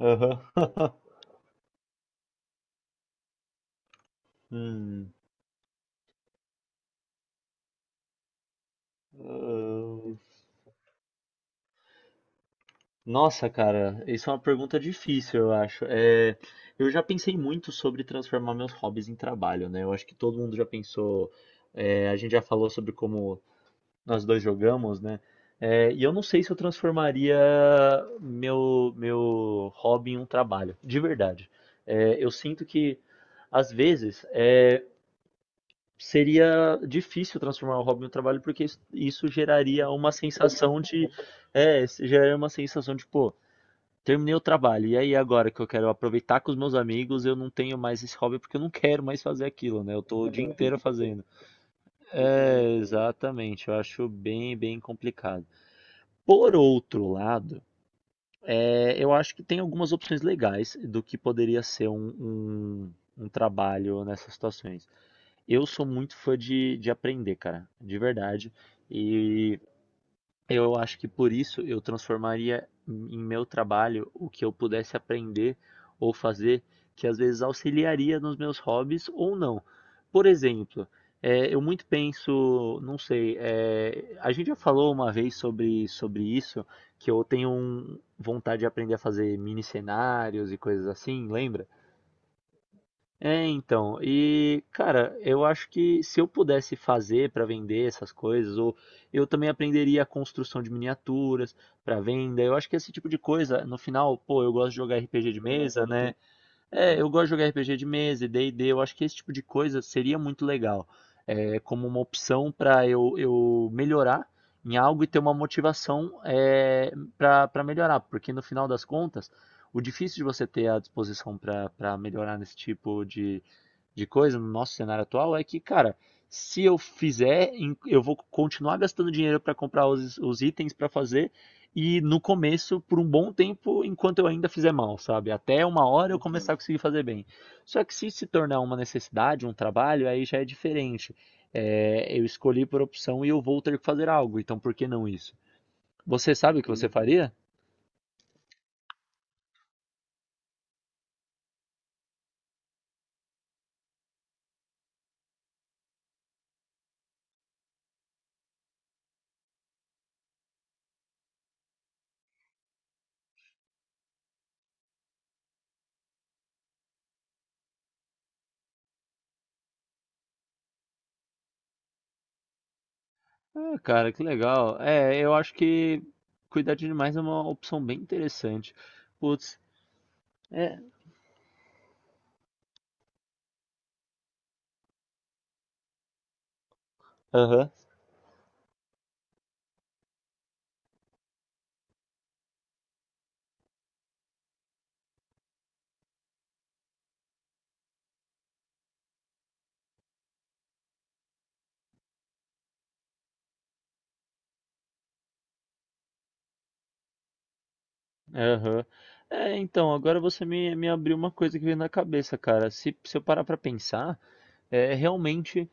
Aham. Hum. Ahn, Nossa, cara, isso é uma pergunta difícil, eu acho. Eu já pensei muito sobre transformar meus hobbies em trabalho, né? Eu acho que todo mundo já pensou. A gente já falou sobre como nós dois jogamos, né? E eu não sei se eu transformaria meu hobby em um trabalho, de verdade. Eu sinto que, às vezes, seria difícil transformar o hobby no trabalho porque isso geraria uma sensação de isso geraria uma sensação de pô, terminei o trabalho e aí agora que eu quero aproveitar com os meus amigos, eu não tenho mais esse hobby porque eu não quero mais fazer aquilo, né? Eu tô o dia inteiro fazendo. É, exatamente, eu acho bem complicado. Por outro lado, eu acho que tem algumas opções legais do que poderia ser um trabalho nessas situações. Eu sou muito fã de aprender, cara, de verdade. E eu acho que por isso eu transformaria em meu trabalho o que eu pudesse aprender ou fazer, que às vezes auxiliaria nos meus hobbies ou não. Por exemplo, eu muito penso, não sei, a gente já falou uma vez sobre isso, que eu tenho vontade de aprender a fazer mini cenários e coisas assim, lembra? É, então, e cara, eu acho que se eu pudesse fazer para vender essas coisas, ou eu também aprenderia a construção de miniaturas para venda. Eu acho que esse tipo de coisa, no final, pô, eu gosto de jogar RPG de mesa, né? É, eu gosto de jogar RPG de mesa e D&D. Eu acho que esse tipo de coisa seria muito legal, como uma opção para eu melhorar em algo e ter uma motivação para melhorar, porque no final das contas, o difícil de você ter a disposição para melhorar nesse tipo de coisa no nosso cenário atual é que, cara, se eu fizer, eu vou continuar gastando dinheiro para comprar os itens para fazer e no começo por um bom tempo, enquanto eu ainda fizer mal, sabe? Até uma hora eu começar a conseguir fazer bem. Só que se tornar uma necessidade, um trabalho, aí já é diferente. É, eu escolhi por opção e eu vou ter que fazer algo, então por que não isso? Você sabe o que você faria? Ah, cara, que legal. É, eu acho que cuidar de animais é uma opção bem interessante. Putz. É. Aham, aham. É, então, agora você me abriu uma coisa que veio na cabeça, cara. Se eu parar pra pensar, é realmente.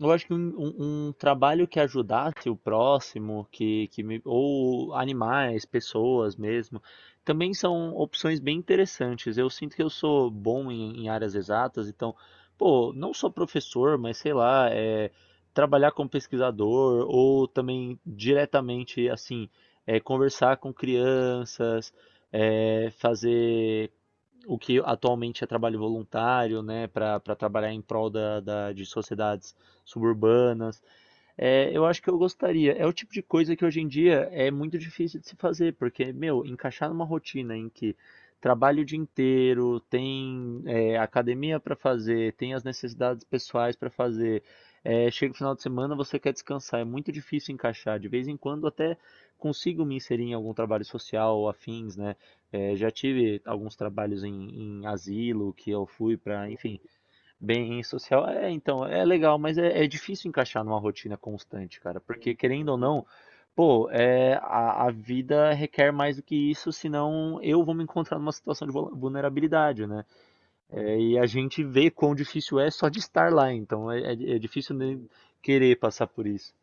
Eu acho que um trabalho que ajudasse o próximo, ou animais, pessoas mesmo, também são opções bem interessantes. Eu sinto que eu sou bom em áreas exatas, então, pô, não só professor, mas sei lá, trabalhar como pesquisador ou também diretamente, assim, conversar com crianças, fazer o que atualmente é trabalho voluntário, né, para trabalhar em prol de sociedades suburbanas. É, eu acho que eu gostaria. É o tipo de coisa que hoje em dia é muito difícil de se fazer, porque, meu, encaixar numa rotina em que trabalho o dia inteiro, tem academia para fazer, tem as necessidades pessoais para fazer, chega o final de semana, você quer descansar, é muito difícil encaixar. De vez em quando até consigo me inserir em algum trabalho social ou afins, né? É, já tive alguns trabalhos em asilo que eu fui para, enfim. Bem social, é, então, é legal, mas é difícil encaixar numa rotina constante, cara, porque querendo ou não, pô, a vida requer mais do que isso, senão eu vou me encontrar numa situação de vulnerabilidade, né? É, e a gente vê quão difícil é só de estar lá, então é difícil nem querer passar por isso.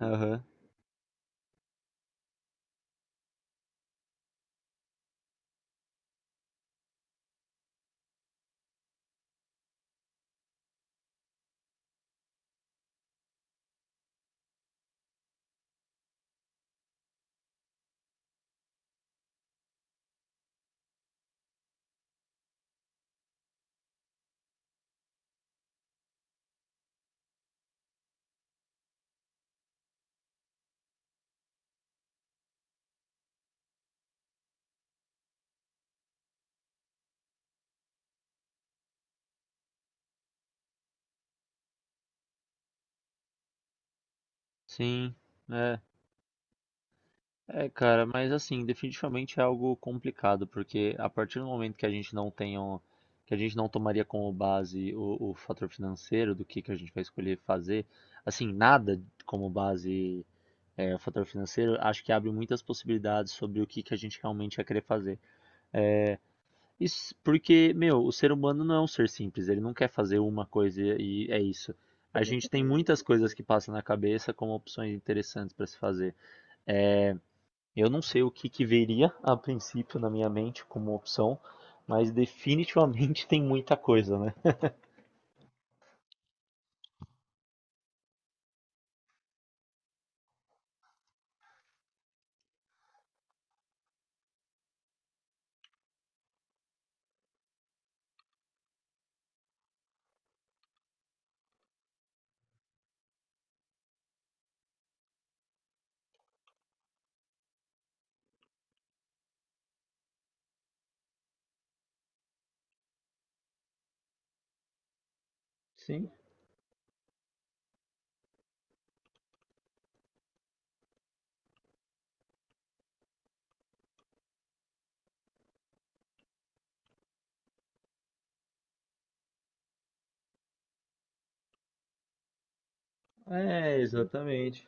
Aham. Sim, é. É, cara, mas assim, definitivamente é algo complicado, porque a partir do momento que a gente não tem um, que a gente não tomaria como base o fator financeiro do que a gente vai escolher fazer, assim, nada como base o fator financeiro, acho que abre muitas possibilidades sobre o que, que a gente realmente vai querer fazer. Isso porque, meu, o ser humano não é um ser simples, ele não quer fazer uma coisa e é isso. A gente tem muitas coisas que passam na cabeça como opções interessantes para se fazer. Eu não sei o que que viria a princípio na minha mente como opção, mas definitivamente tem muita coisa, né? Sim, é, exatamente.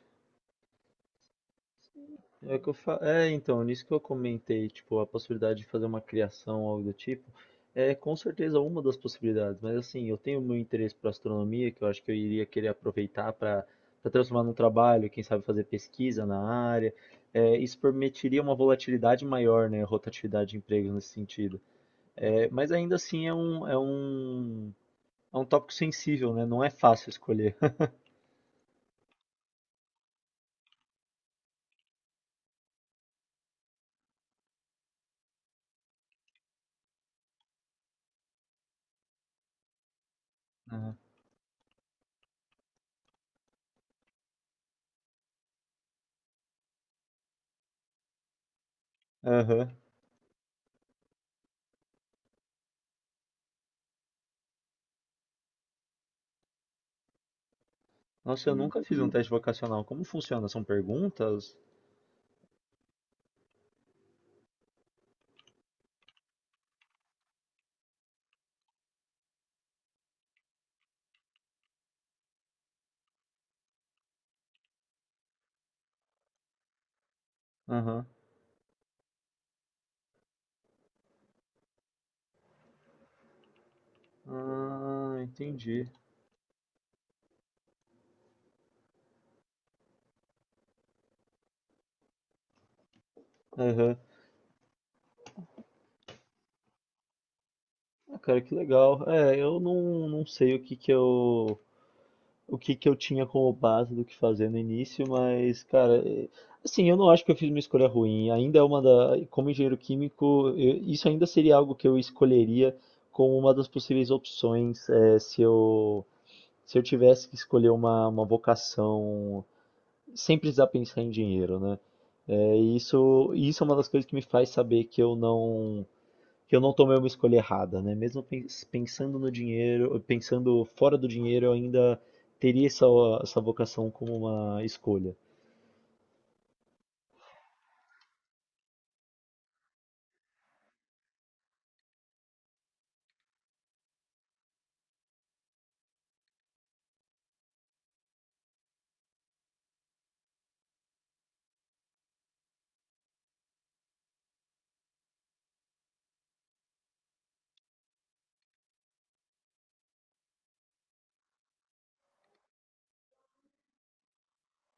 É o que eu fa... é, então, nisso que eu comentei, tipo, a possibilidade de fazer uma criação, algo do tipo, é com certeza uma das possibilidades, mas assim, eu tenho meu interesse para astronomia, que eu acho que eu iria querer aproveitar para para transformar num trabalho, quem sabe fazer pesquisa na área. É, isso permitiria uma volatilidade maior, né, rotatividade de empregos nesse sentido. É, mas ainda assim é um tópico sensível, né? Não é fácil escolher. Aham. Aham. Nossa, eu nunca fiz um teste vocacional. Como funciona? São perguntas? Aham. Ah, entendi. Aham. Ah, cara, que legal. É, eu não sei o que que eu. O que que eu tinha como base do que fazer no início, mas, cara, é- assim, eu não acho que eu fiz uma escolha ruim. Ainda é uma da, como engenheiro químico, isso ainda seria algo que eu escolheria como uma das possíveis opções, se eu tivesse que escolher uma vocação sem precisar pensar em dinheiro, né? É, e isso é uma das coisas que me faz saber que eu que eu não tomei uma escolha errada, né? Mesmo pensando no dinheiro, pensando fora do dinheiro, eu ainda teria essa vocação como uma escolha.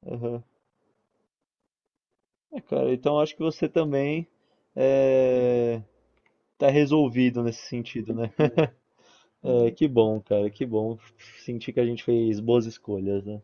Aham. É, cara, então acho que você também é, tá resolvido nesse sentido, né? É, que bom, cara, que bom sentir que a gente fez boas escolhas, né?